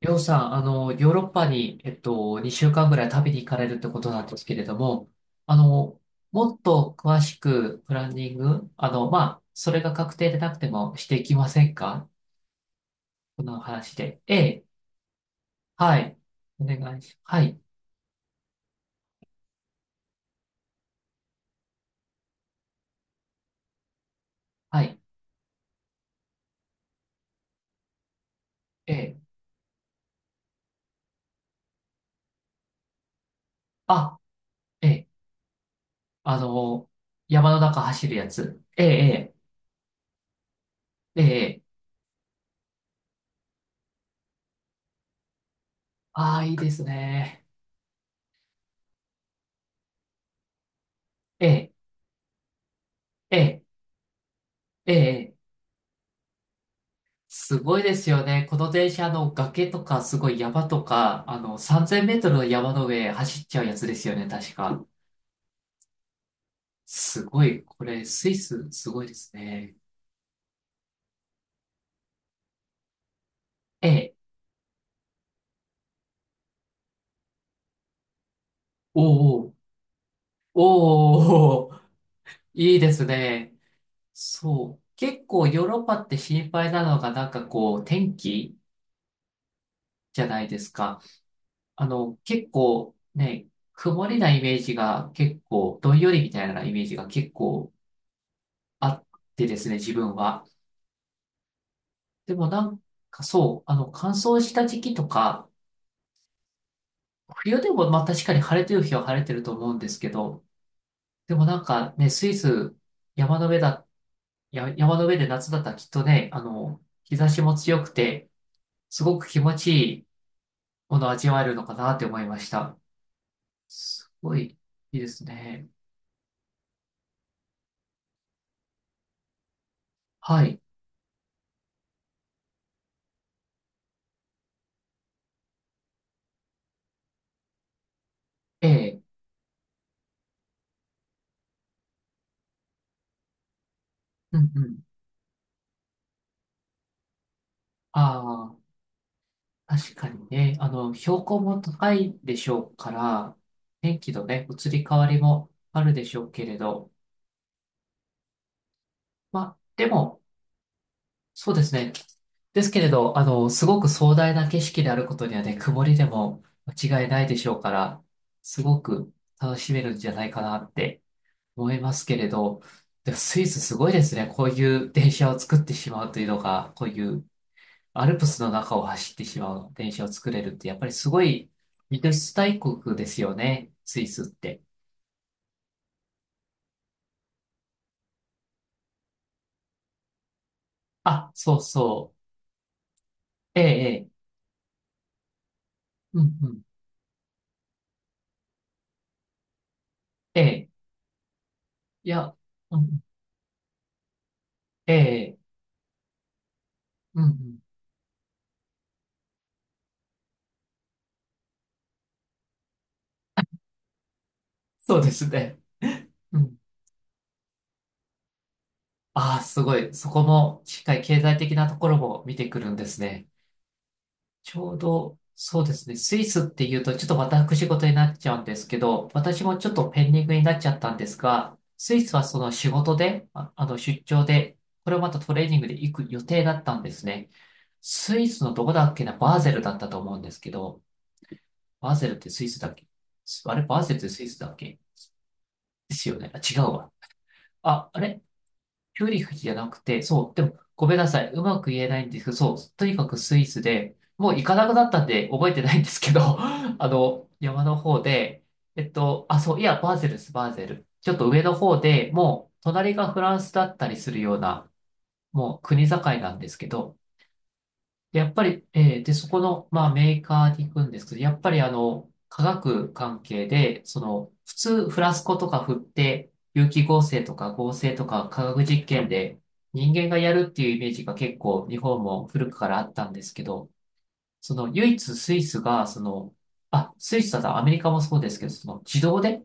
りょうさん、ヨーロッパに、2週間ぐらい旅に行かれるってことなんですけれども、あの、もっと詳しくプランニング、まあ、それが確定でなくてもしていきませんか、この話で。ええ、はい。お願いし、はい、はい、ええ、あ、ええ、あの、山の中走るやつ。ええ、ええ、ええ、ああ、いいですね。ええ、ええ、ええ、すごいですよね。この電車、崖とか、すごい山とか、3000メートルの山の上走っちゃうやつですよね、確か。すごい、これ、スイス、すごいですね。ええ、おうおう、おうおう、いいですね。そう。結構ヨーロッパって心配なのが、なんかこう、天気じゃないですか。結構ね、曇りなイメージが結構、どんよりみたいなイメージが結構あってですね、自分は。でもなんかそう、乾燥した時期とか、冬でもまあ確かに晴れてる日は晴れてると思うんですけど、でもなんかね、スイス、山の上だ、や、山の上で夏だったらきっとね、日差しも強くて、すごく気持ちいいものを味わえるのかなって思いました。すごいいいですね。はい。ええ。うんうん。ああ、確かにね、標高も高いでしょうから、天気のね、移り変わりもあるでしょうけれど、まあ、でも、そうですね。ですけれど、すごく壮大な景色であることにはね、曇りでも間違いないでしょうから、すごく楽しめるんじゃないかなって思いますけれど、でもスイスすごいですね。こういう電車を作ってしまうというのが、こういうアルプスの中を走ってしまう電車を作れるって、やっぱりすごい技術大国ですよね、スイスって。あ、そうそう。ええ、ええ、うんうん、ええ、いや、うん、ええ、うんうん。そうですね。うん。ああ、すごい。そこも、しっかり経済的なところも見てくるんですね。ちょうど、そうですね。スイスっていうと、ちょっと私事になっちゃうんですけど、私もちょっとペンディングになっちゃったんですが、スイスはその仕事で、あ、出張で、これをまたトレーニングで行く予定だったんですね。スイスのどこだっけな、バーゼルだったと思うんですけど、バーゼルってスイスだっけ、あれ、バーゼルってスイスだっけ、ですよね。あ、違うわ。あ、あれピューリフじゃなくて、そう、でも、ごめんなさい。うまく言えないんですけど、そう、とにかくスイスで、もう行かなくなったんで覚えてないんですけど、山の方で、あ、そう、いや、バーゼルです、バーゼル。ちょっと上の方でもう、隣がフランスだったりするような、もう国境なんですけど、で、やっぱり、で、そこの、まあ、メーカーに行くんですけど、やっぱり、化学関係で、その、普通、フラスコとか振って、有機合成とか合成とか化学実験で人間がやるっていうイメージが結構日本も古くからあったんですけど、その唯一スイスが、その、あ、スイスだ、アメリカもそうですけど、その自動で、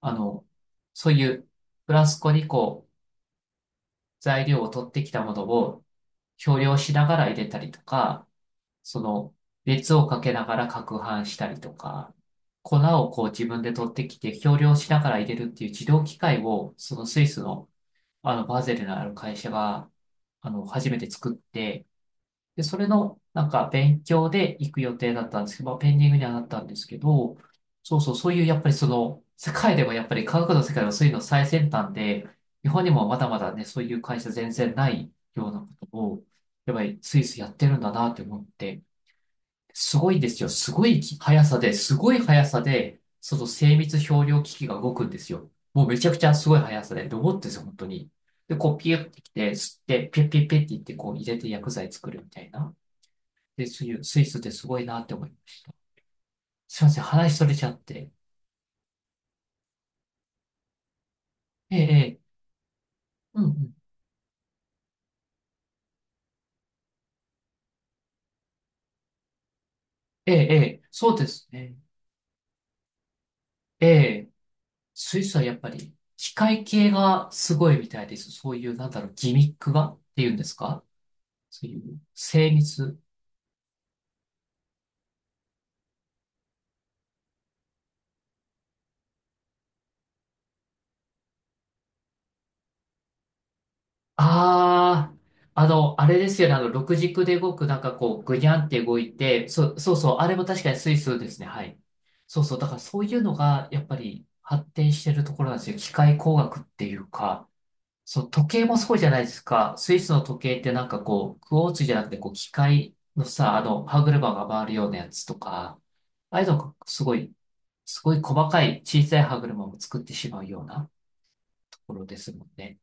あの、そういうフラスコにこう、材料を取ってきたものを少量しながら入れたりとか、その、熱をかけながら攪拌したりとか、粉をこう自分で取ってきて、計量しながら入れるっていう自動機械を、そのスイスの、バーゼルのある会社が、初めて作って、で、それの、なんか、勉強で行く予定だったんですけど、まあ、ペンディングにはなったんですけど、そうそう、そういう、やっぱりその、世界でもやっぱり科学の世界のそういうの最先端で、日本にもまだまだね、そういう会社全然ないようなことを、やっぱりスイスやってるんだなって思って、すごいですよ。すごい速さで、すごい速さで、その精密表量機器が動くんですよ。もうめちゃくちゃすごい速さで、ロボットですよ、本当に。で、こうピュッてきて、吸って、ピュッピュッピュッって言って、こう入れて薬剤作るみたいな。で、そういうスイスってすごいなって思います。すいません、話それちゃって。ええ、ええ、うんうん。ええ、ええ、そうですね。ええ、スイスはやっぱり、機械系がすごいみたいです。そういう、なんだろう、ギミックがっていうんですか、そういう精密。ああ、あれですよね。六軸で動く、なんかこう、ぐにゃんって動いて、そう、そうそう、あれも確かにスイスですね。はい。そうそう、だからそういうのが、やっぱり発展してるところなんですよ。機械工学っていうか、そう、時計もそうじゃないですか。スイスの時計ってなんかこう、クォーツじゃなくて、こう、機械のさ、歯車が回るようなやつとか、ああいうのがすごい、すごい細かい小さい歯車も作ってしまうようなところですもんね。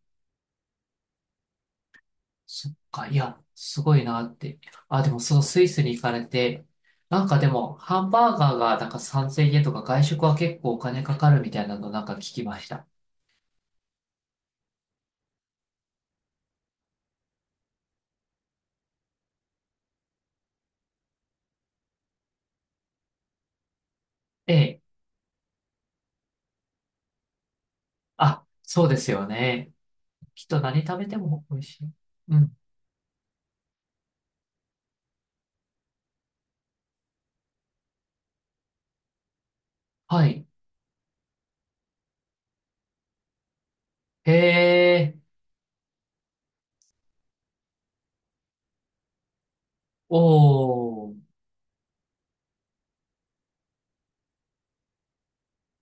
そっか、いや、すごいなって。あ、でもそのスイスに行かれて、なんかでも、ハンバーガーがなんか3000円とか外食は結構お金かかるみたいなのなんか聞きました。ええ。あ、そうですよね。きっと何食べても美味しい。うん。はい。へえ、おー、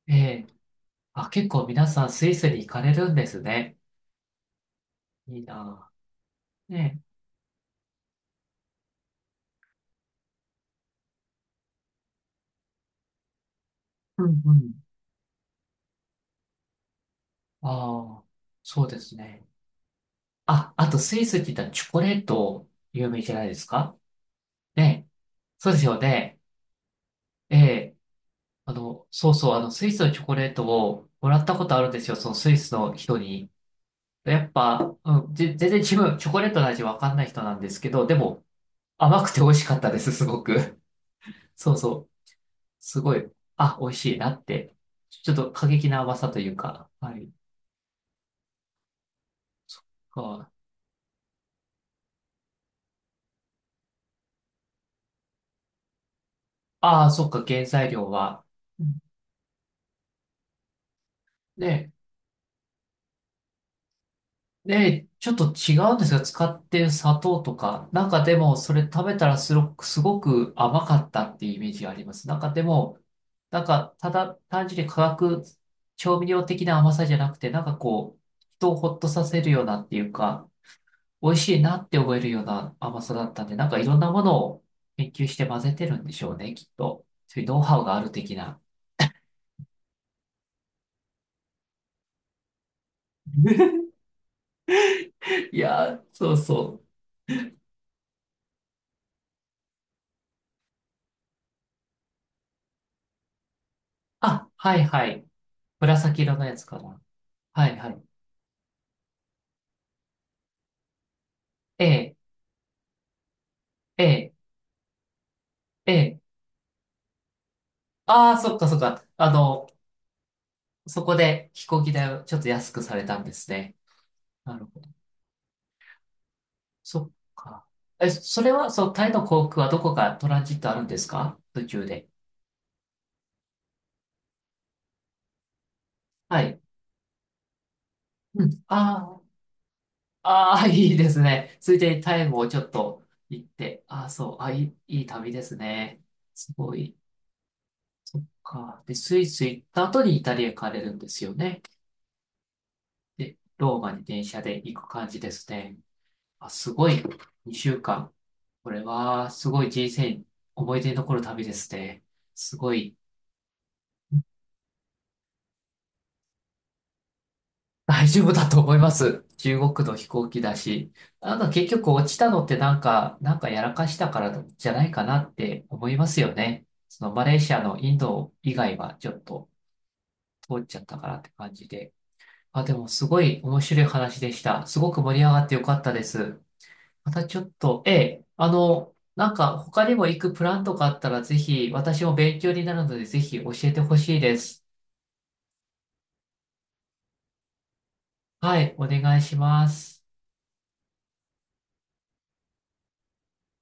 ええ。あ、結構皆さんスイスに行かれるんですね。いいなぁ。ねえ。うんうん。ああ、そうですね。あ、あとスイスって言ったらチョコレート有名じゃないですか、ね、そうですよね。ええ、そうそう、スイスのチョコレートをもらったことあるんですよ、そのスイスの人に。やっぱ、うん、全然自分、チョコレートの味わかんない人なんですけど、でも、甘くて美味しかったです、すごく。そうそう、すごい、あ、美味しいなって。ちょっと過激な甘さというか、はい。ああ、そっか、原材料は。うんね、で、ちょっと違うんですが、使ってる砂糖とか、なんかでも、それ食べたらすごく、すごく甘かったっていうイメージがあります。なんかでも、なんか、ただ、単純に化学調味料的な甘さじゃなくて、なんかこう、人をほっとさせるようなっていうか、美味しいなって思えるような甘さだったんで、なんかいろんなものを研究して混ぜてるんでしょうね、きっと。そういうノウハウがある的な。いやー、そうそう。あ、はいはい。紫色のやつかな。はいはい。ええええ、ええ。ああ、そっかそっか。そこで飛行機代をちょっと安くされたんですね。なるほど。そっか。え、それは、そう、タイの航空はどこかトランジットあるんですか、途中で。はい。うん。ああ、ああ、いいですね。ついでにタイもちょっと行って。ああ、そう。あ、いい、いい旅ですね。すごい。か。で、スイス行った後にイタリア行かれるんですよね。で、ローマに電車で行く感じですね。あ、すごい。2週間。これは、すごい人生、思い出に残る旅ですね。すごい、大丈夫だと思います。中国の飛行機だし。なんか結局落ちたのってなんか、なんかやらかしたからじゃないかなって思いますよね。そのマレーシアのインド以外はちょっと通っちゃったからって感じで。あ、でもすごい面白い話でした。すごく盛り上がってよかったです。またちょっと、ええ、なんか他にも行くプランとかあったらぜひ、私も勉強になるのでぜひ教えてほしいです。はい、お願いします。